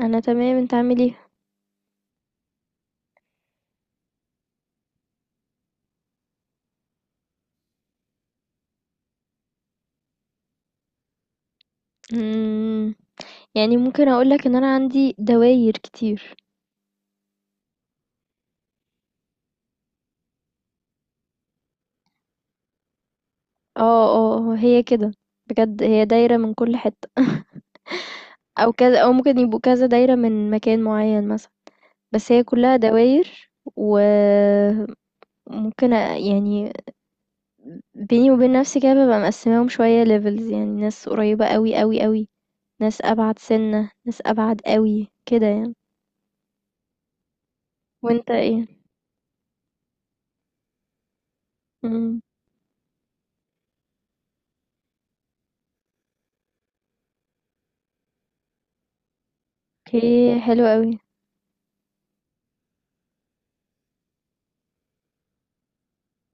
أنا تمام، أنت عامل إيه؟ إمم، يعني ممكن أقول لك إن أنا عندي دواير كتير. آه، آه. هي كده، بجد هي دايرة من كل حتّة أو كذا أو ممكن يبقوا كذا دايرة من مكان معيّن مثلًا، بس هي كلّها دواير. وممكن يعني بيني وبين نَفْسي كده بابقى مقسّماهم شوية levels، يعني ناس قريّبة أوي، أوي، أوي، ناس أبعد سِنّة، ناس أبعد أوي، كده يعني. وأنت إيه؟ إمم، أوكي، حلو أوي.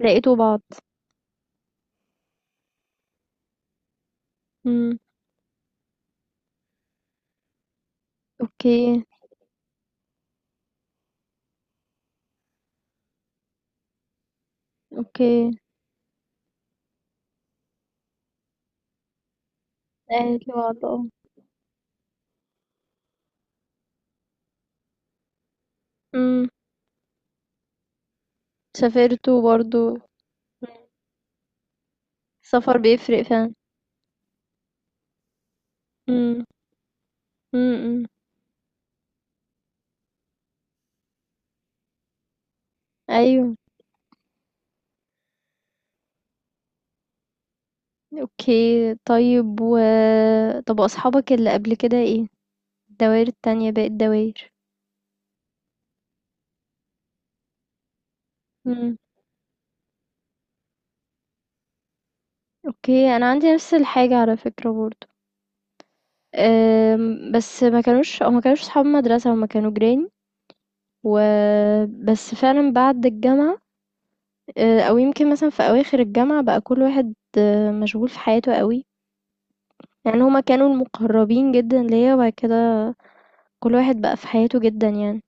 لقيتوا بعض. إمم. أوكي، أوكي، أهل بعض، آه، إمم، سافرتوا برضه، إمم، السفر بيفرق فعلًا، إمم، إمم، إمم، أيوه، أوكي، طيب و طب وأصحابك اللي قبل كده إيه؟ الدواير التانية باقي الدواير؟ إمم، أوكي، أنا عندي نفس الحاجة على فكرة برضه. بس ما كانوش صحاب مدرسة، هُم كانوا جيران. و بس فعلًا بعد الجامعة أو يمكن مثلًا في أواخر الجامعة بقى كل واحد مشغول في حياته أوي. يعني هما كانوا المقربين جدا ليا وبعد كده كل واحد بقى في حياته جدا يعني.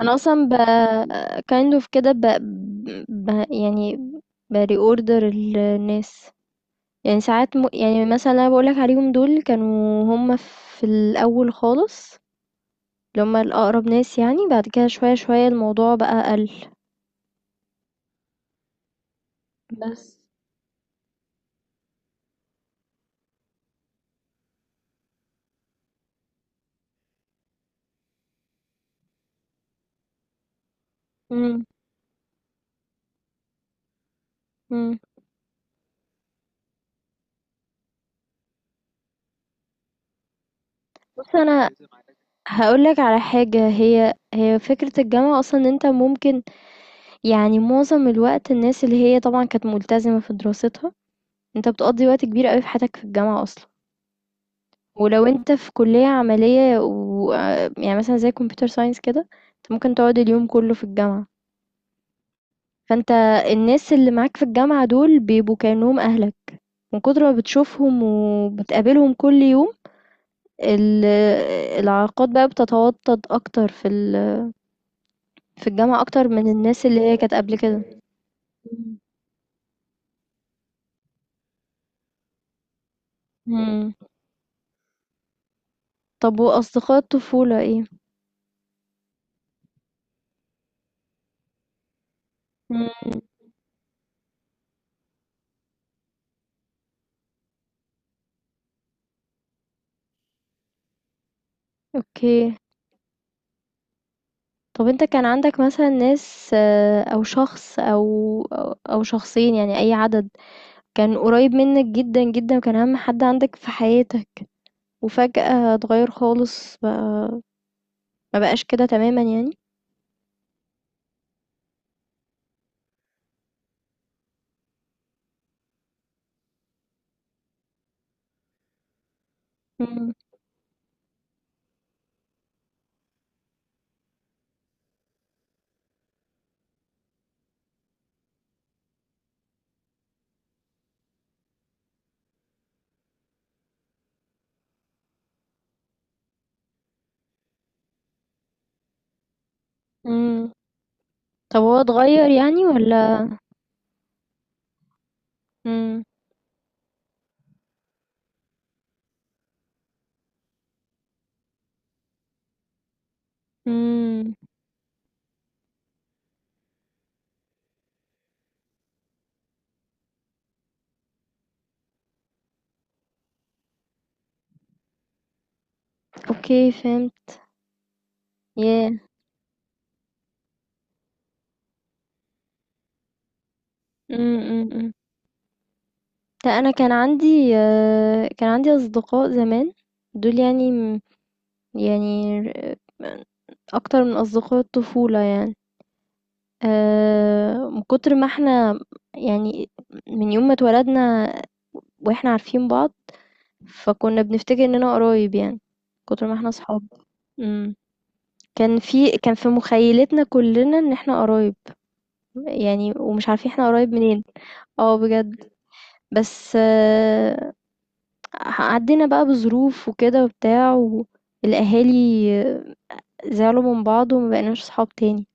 انا اصلا kind of كده يعني ب reorder الناس. يعني ساعات يعني مثلا انا بقولك عليهم دول كانوا هما في الاول خالص، اللي هما الاقرب ناس يعني، بعد كده شوية شوية الموضوع بقى قل. بس. امم امم بص انا هقولك على حاجة، هي فكرة الجامعة أصلا إن أنت ممكن، يعني معظم الوقت الناس اللي هي طبعًا كانت ملتزمة في دراستها، أنت بتقضّي وقت كبير أوي في حياتك في الجامعة أصلًا، ولو أنت في كلية عملية و يعني مثلًا زي computer science كده، أنت ممكن تقعد اليوم كلّه في الجامعة، فأنت الناس اللي معاك في الجامعة دول بيبقوا كأنهم أهلك، من كتر ما بتشوفهم وبتقابلهم كل يوم. ال العلاقات بقى بتتوطد أكتر في الجامعة أكتر من الناس اللي هي كانت قبل كده. إمم، إمم، طب وأصدقاء الطفولة إيه؟ إمم. أوكي. طب أنت كان عندك مثلًا ناس أو شخص أو شخصين، يعني أي عدد، كان قريب منك جدًا، جدًا وكان أهم حد عندك في حياتك، وفجأة اتغيّر خالص، بقى ما بقاش كده تمامًا يعني؟ إمم، إمم. طب هو اتغيّر يعني والّا؟ إمم، إمم، أوكي فهمت. ياه! إمم، إمم، إمم. لأ أنا كان عندي أصدقاء زمان، دول يعني اكتر من اصدقاء الطفولة يعني. من كتر ما احنا، يعني من يوم ما اتولدنا واحنا عارفين بعض، فكنا بنفتكر اننا قرايب يعني، من كتر ما احنا صحاب. امم كان في مخيلتنا كلنا ان احنا قرايب يعني، ومش عارفين احنا قرايب منين. اه بجد. بس عدينا بقى بظروف وكده وبتاع، والاهالي زعلوا من بعض وما بقيناش صحاب تاني.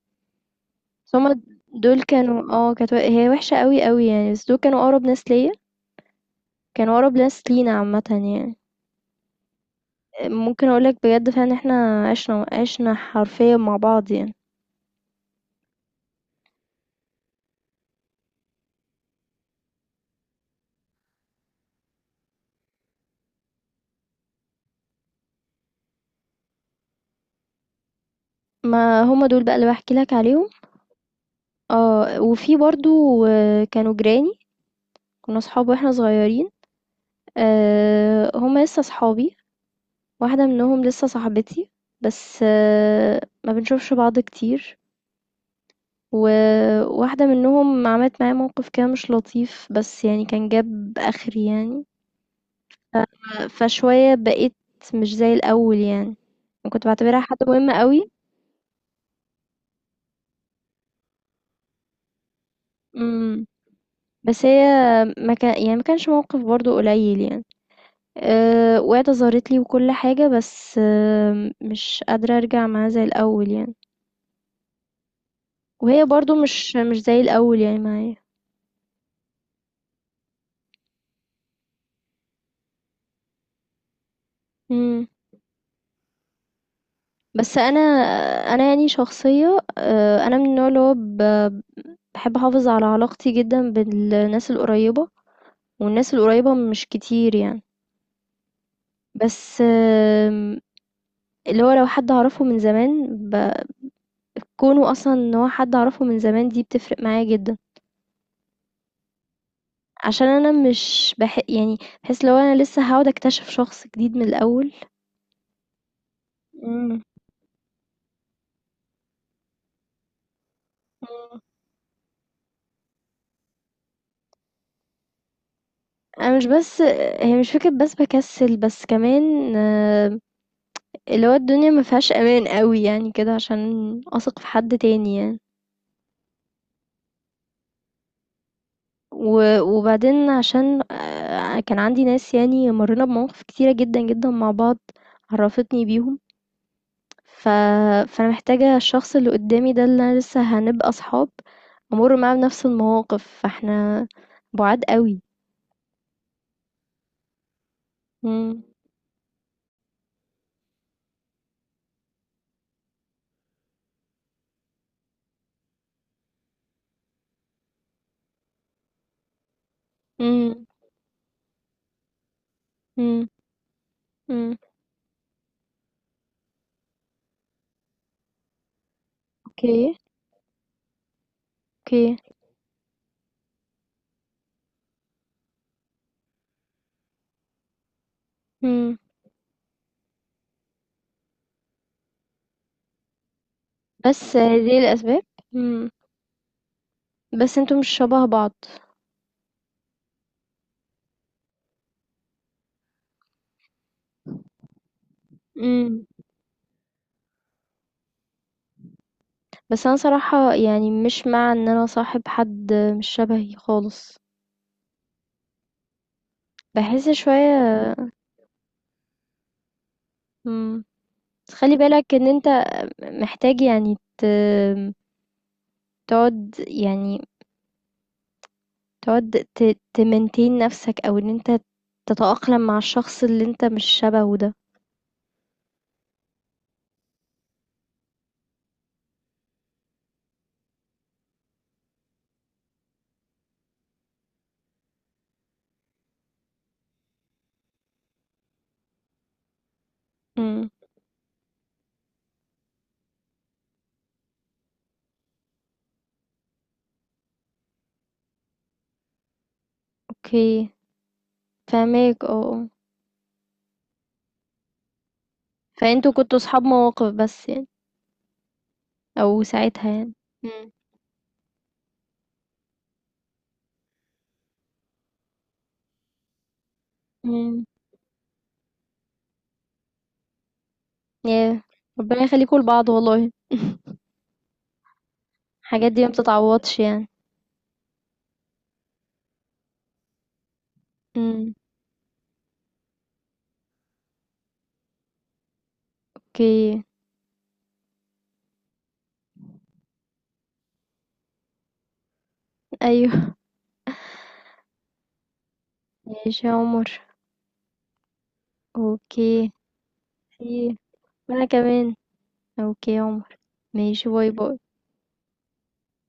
بس هما دول كانوا، كانت هي وحشة قوي قوي يعني، بس دول كانوا أقرب ناس ليا، كانوا أقرب ناس لينا عامة يعني. ممكن أقولك بجد فعلا احنا عشنا عشنا حرفيا مع بعض يعني. ما هما دول بقى اللي بحكي لك عليهم. اه. وفي برضو آه، كانوا جيراني. كنا صحاب واحنا صغيرين. آه، هما لسه صحابي. واحدة منهم لسه صاحبتي، بس ما بنشوفش بعض كتير. وواحدة منهم عملت معايا موقف كده مش لطيف، بس يعني كان جاب آخري يعني، فشوية بقيت مش زي الأول يعني. كنت بعتبرها حد مهم قوي. امم بس هي ما كانش موقف برضو قليل يعني. وقعت ظهرت لي وكل حاجة، بس مش قادرة أرجع معاها زي الأول يعني. وهي برضو مش زي الأول يعني معايا. بس انا يعني شخصيه، انا من النوع اللي هو بحب احافظ على علاقتي جدا بالناس القريبه، والناس القريبه مش كتير يعني. بس اللي هو لو حد اعرفه من زمان، بكونه اصلا ان هو حد اعرفه من زمان دي بتفرق معايا جدا، عشان انا مش يعني بحس لو انا لسه هقعد اكتشف شخص جديد من الاول. مم. مم. انا مش بس، هي مش فكرة بس بكسل، بس كمان اللي هو الدنيا ما فيهاش امان قوي يعني كده عشان اثق في حد تاني يعني. وبعدين عشان كان عندي ناس يعني مرينا بمواقف كتيرة جدا جدا مع بعض عرفتني بيهم، ف... فانا محتاجة الشخص اللي قدامي ده اللي انا لسه هنبقى اصحاب امر معاه بنفس المواقف، فاحنا بعاد قوي. مم. مم. مم. مم. اوكي، اوكي. مم. بس دي الاسباب. مم. بس انتوا مش شبه بعض. بس انا صراحة يعني مش مع ان انا صاحب حد مش شبهي خالص. بحس شوية. مم. بس خلي بالك ان انت محتاج يعني تقعد يعني تقعد ت... تمنتين نفسك، او ان انت تتأقلم مع الشخص اللي انت مش شبهه ده. مم. اوكي، فاهمك، اه، آه. فانتوا كنتوا صحاب مواقف بس يعني، او ساعتها يعني. مم. مم. ياه، ربنا يخليكوا لبعض والله الحاجات دي ما بتتعوضش يعني. مم. أوكي. أيوه. ماشي يا عمر. أوكي. خير. وأنا كمان. أوكي يا عمر. ماشي، باي باي.